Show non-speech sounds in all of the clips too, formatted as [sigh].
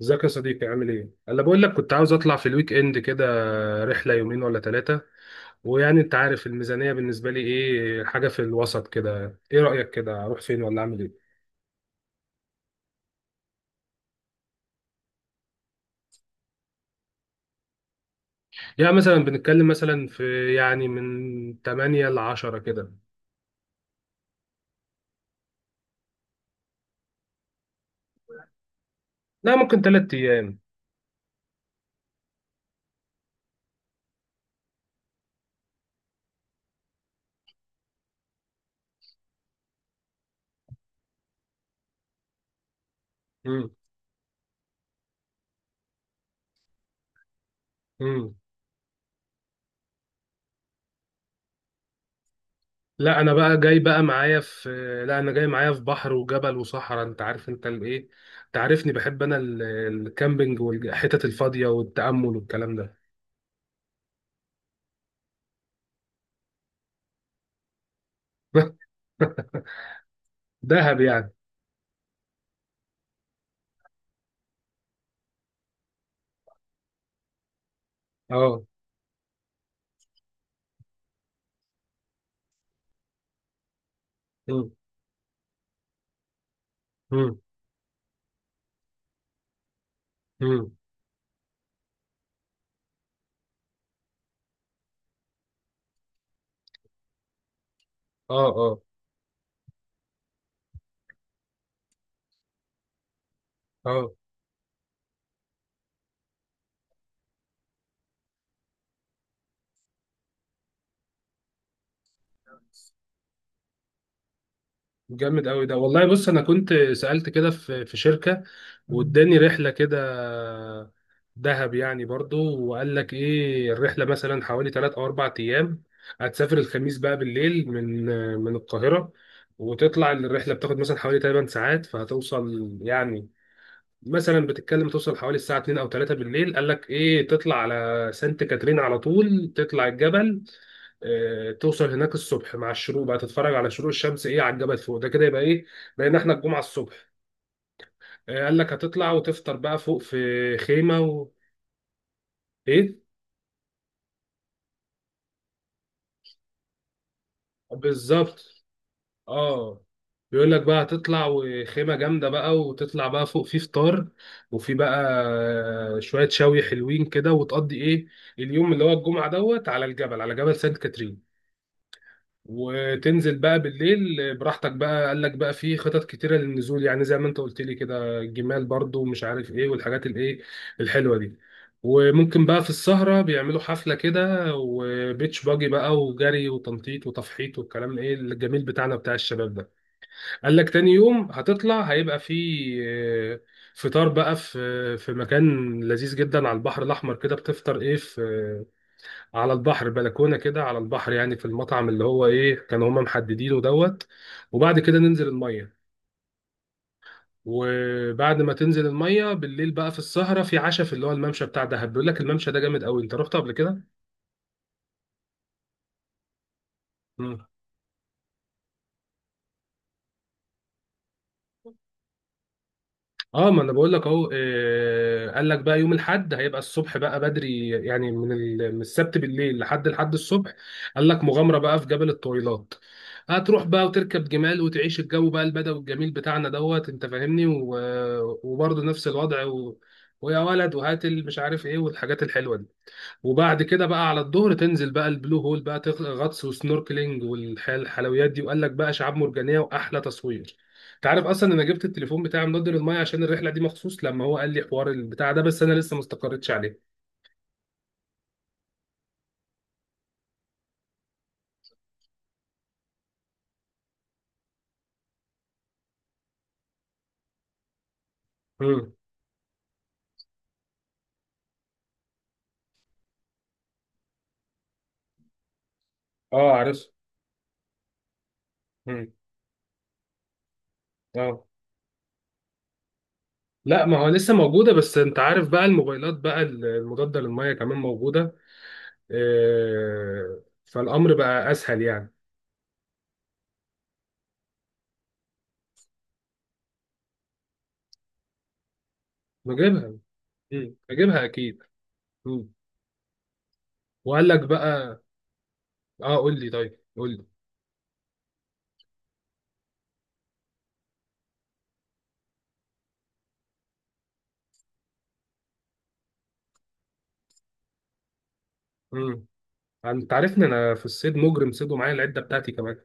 ازيك يا صديقي؟ عامل ايه؟ انا بقول لك كنت عاوز اطلع في الويك اند كده. رحله يومين ولا ثلاثه. ويعني انت عارف الميزانيه بالنسبه لي ايه، حاجه في الوسط كده. ايه رايك كده اروح فين ولا اعمل ايه؟ يعني مثلا بنتكلم مثلا في يعني من 8 ل 10 كده. لا، ممكن 3 ايام. امم. امم. لا انا بقى جاي بقى معايا في لا انا جاي معايا في بحر وجبل وصحراء. انت عارف انت الايه؟ انت عارفني بحب انا الكامبينج والحتت الفاضيه والتامل والكلام ده. [laughs] دهب يعني. اه. مم. مم. مم. اه. اه. اه، جامد قوي ده والله. بص انا كنت سألت كده في شركة، واداني رحلة كده، دهب يعني برضو. وقال لك ايه، الرحلة مثلا حوالي 3 او 4 ايام. هتسافر الخميس بقى بالليل من القاهرة، وتطلع الرحلة بتاخد مثلا حوالي 8 ساعات. فهتوصل يعني مثلا، بتتكلم توصل حوالي الساعة 2 او 3 بالليل. قال لك ايه، تطلع على سانت كاترين على طول، تطلع الجبل. توصل هناك الصبح مع الشروق، بقى تتفرج على شروق الشمس ايه على الجبل فوق. ده كده يبقى ايه، بقينا احنا الجمعة الصبح. قال لك هتطلع وتفطر بقى فوق في خيمة و... ايه. بالظبط. اه. بيقول لك بقى هتطلع وخيمة جامدة بقى، وتطلع بقى فوق في فطار، وفي بقى شوية شوي حلوين كده. وتقضي ايه اليوم اللي هو الجمعة دوت على الجبل، على جبل سانت كاترين. وتنزل بقى بالليل براحتك بقى. قال لك بقى في خطط كتيرة للنزول، يعني زي ما انت قلت لي كده، الجمال برضو ومش عارف ايه، والحاجات الايه الحلوة دي. وممكن بقى في السهرة بيعملوا حفلة كده، وبيتش باجي بقى، وجري، وتنطيط، وتفحيط، والكلام الايه الجميل بتاعنا بتاع الشباب ده. قال لك تاني يوم هتطلع هيبقى في آه، فطار بقى في مكان لذيذ جدا على البحر الأحمر كده. بتفطر ايه في... على البحر، بلكونه كده على البحر. يعني في المطعم اللي هو ايه كانوا هما محددينه دوت. وبعد كده ننزل الميه، وبعد ما تنزل الميه بالليل بقى، في السهره في عشاء في اللي هو الممشى بتاع دهب. بيقول لك الممشى ده جامد قوي، انت رحت قبل كده؟ اه، ما انا بقول لك اهو. قال لك بقى يوم الاحد هيبقى الصبح بقى بدري، يعني من السبت بالليل لحد الحد الصبح. قال لك مغامره بقى في جبل الطويلات. هتروح بقى وتركب جمال، وتعيش الجو بقى البدوي الجميل بتاعنا دوت. انت فاهمني و... وبرضه نفس الوضع و... ويا ولد وهات مش عارف ايه، والحاجات الحلوه دي. وبعد كده بقى على الظهر تنزل بقى البلو هول، بقى غطس وسنوركلينج والحلويات دي. وقال لك بقى شعاب مرجانيه واحلى تصوير. انت عارف اصلا انا جبت التليفون بتاعي منضد للميه عشان الرحله دي مخصوص، لما هو قال لي حوار البتاع ده، بس انا لسه ما استقريتش عليه. امم. اه عارف. امم. اه لا، ما هو لسه موجوده، بس انت عارف بقى الموبايلات بقى المضاده للميه كمان موجوده. آه فالامر بقى اسهل يعني. نجيبها. امم، نجيبها اكيد. امم. وقال لك بقى... اه، قول لي، طيب قول لي. انت عارفني، انا في الصيد مجرم صيد ومعايا العده بتاعتي كمان.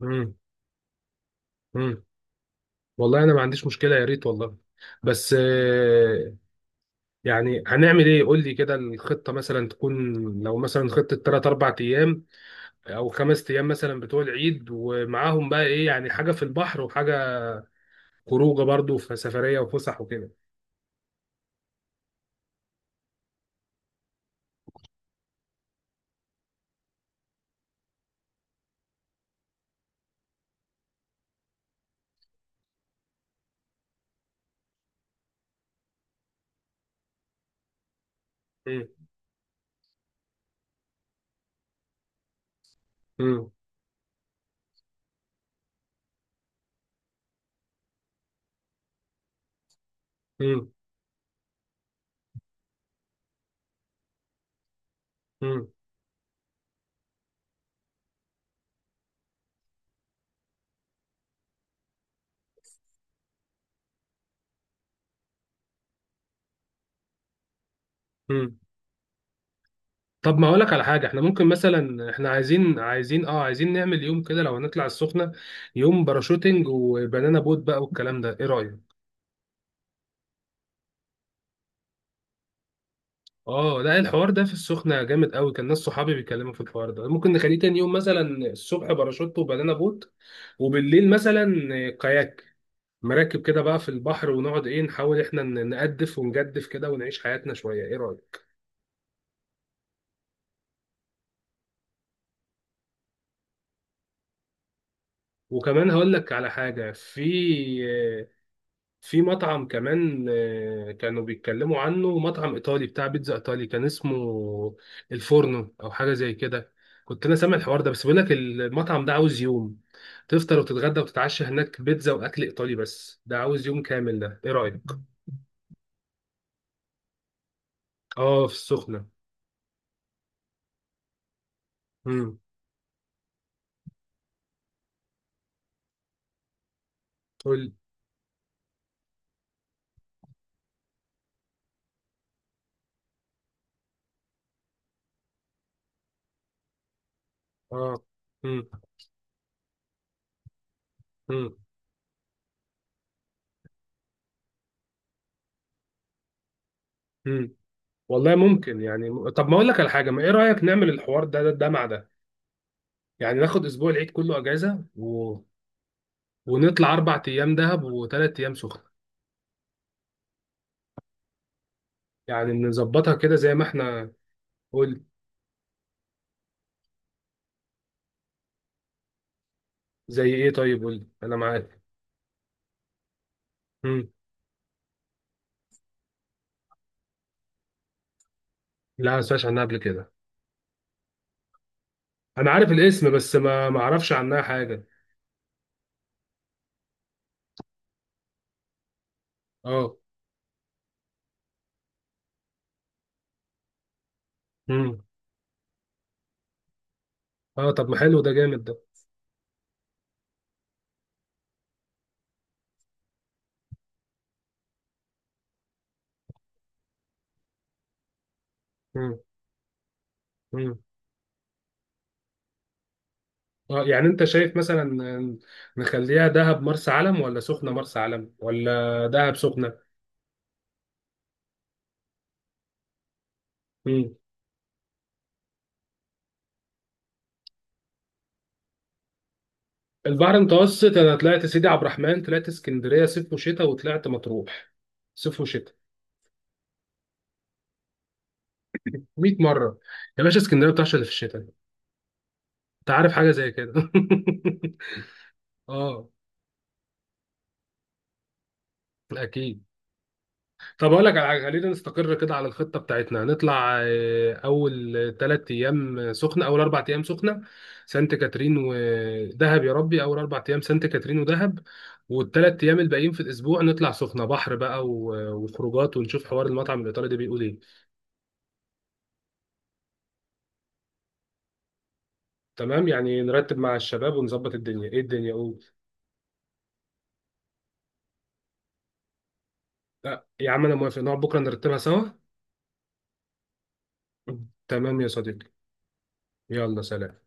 امم. امم. والله انا ما عنديش مشكله، يا ريت والله. بس يعني هنعمل ايه؟ قول لي كده الخطه مثلا تكون. لو مثلا خطه 3 4 ايام او 5 ايام مثلا بتوع العيد، ومعاهم بقى ايه يعني حاجه في البحر، وحاجه خروجه برضو في سفريه وفسح وكده. امم. امم. امم. امم. طب ما اقولك على حاجه، احنا ممكن مثلا احنا عايزين نعمل يوم كده لو هنطلع السخنه، يوم باراشوتنج وبنانا بوت بقى والكلام ده، ايه رايك؟ اه لا، الحوار ده في السخنه جامد قوي، كان ناس صحابي بيتكلموا في الحوار ده. ممكن نخليه تاني يوم مثلا الصبح باراشوت وبنانا بوت، وبالليل مثلا كاياك، مراكب كده بقى في البحر، ونقعد ايه نحاول احنا نقدف ونجدف كده ونعيش حياتنا شويه، ايه رايك؟ وكمان هقول لك على حاجه، في مطعم كمان كانوا بيتكلموا عنه، مطعم ايطالي بتاع بيتزا ايطالي، كان اسمه الفورنو او حاجه زي كده. كنت انا سامع الحوار ده، بس بيقول لك المطعم ده عاوز يوم، تفطر وتتغدى وتتعشى هناك بيتزا واكل ايطالي. بس ده عاوز يوم كامل ده، ايه رايك؟ اه في السخنه. امم. قول لي. اه. امم. امم. امم. والله ممكن يعني. طب ما اقول لك على حاجه، ما ايه رايك نعمل الحوار ده، ده مع ده. يعني ناخد اسبوع العيد كله اجازه و... ونطلع 4 ايام دهب وثلاث ايام سخنه. يعني نظبطها كده زي ما احنا قلت. زي ايه؟ طيب قول لي، انا معاك. امم. لا ما سمعتش عنها قبل كده. انا عارف الاسم بس ما اعرفش عنها حاجه. اه. امم. اه طب ما حلو ده، جامد ده. امم. امم. اه يعني انت شايف مثلا نخليها دهب مرسى علم، ولا سخنه مرسى علم، ولا دهب سخنه؟ امم. البحر المتوسط انا طلعت سيدي عبد الرحمن، طلعت اسكندريه صيف وشتاء، وطلعت مطروح صيف وشتاء. 100 مره. يا باشا اسكندريه بتعشق اللي في الشتاء. انت عارف حاجه زي كده. [laughs] اه. اكيد. طب اقول لك على حاجة، خلينا نستقر كده على الخطه بتاعتنا. هنطلع اول 3 ايام سخنه، اول 4 ايام سخنه سانت كاترين ودهب، يا ربي اول 4 ايام سانت كاترين ودهب، والثلاث ايام الباقيين في الاسبوع نطلع سخنه بحر بقى وخروجات، ونشوف حوار المطعم الايطالي ده بيقول ايه. تمام، يعني نرتب مع الشباب ونظبط الدنيا ايه الدنيا قول. لا، يا عم انا موافق، نقعد بكره نرتبها سوا. تمام يا صديقي. يلا سلام.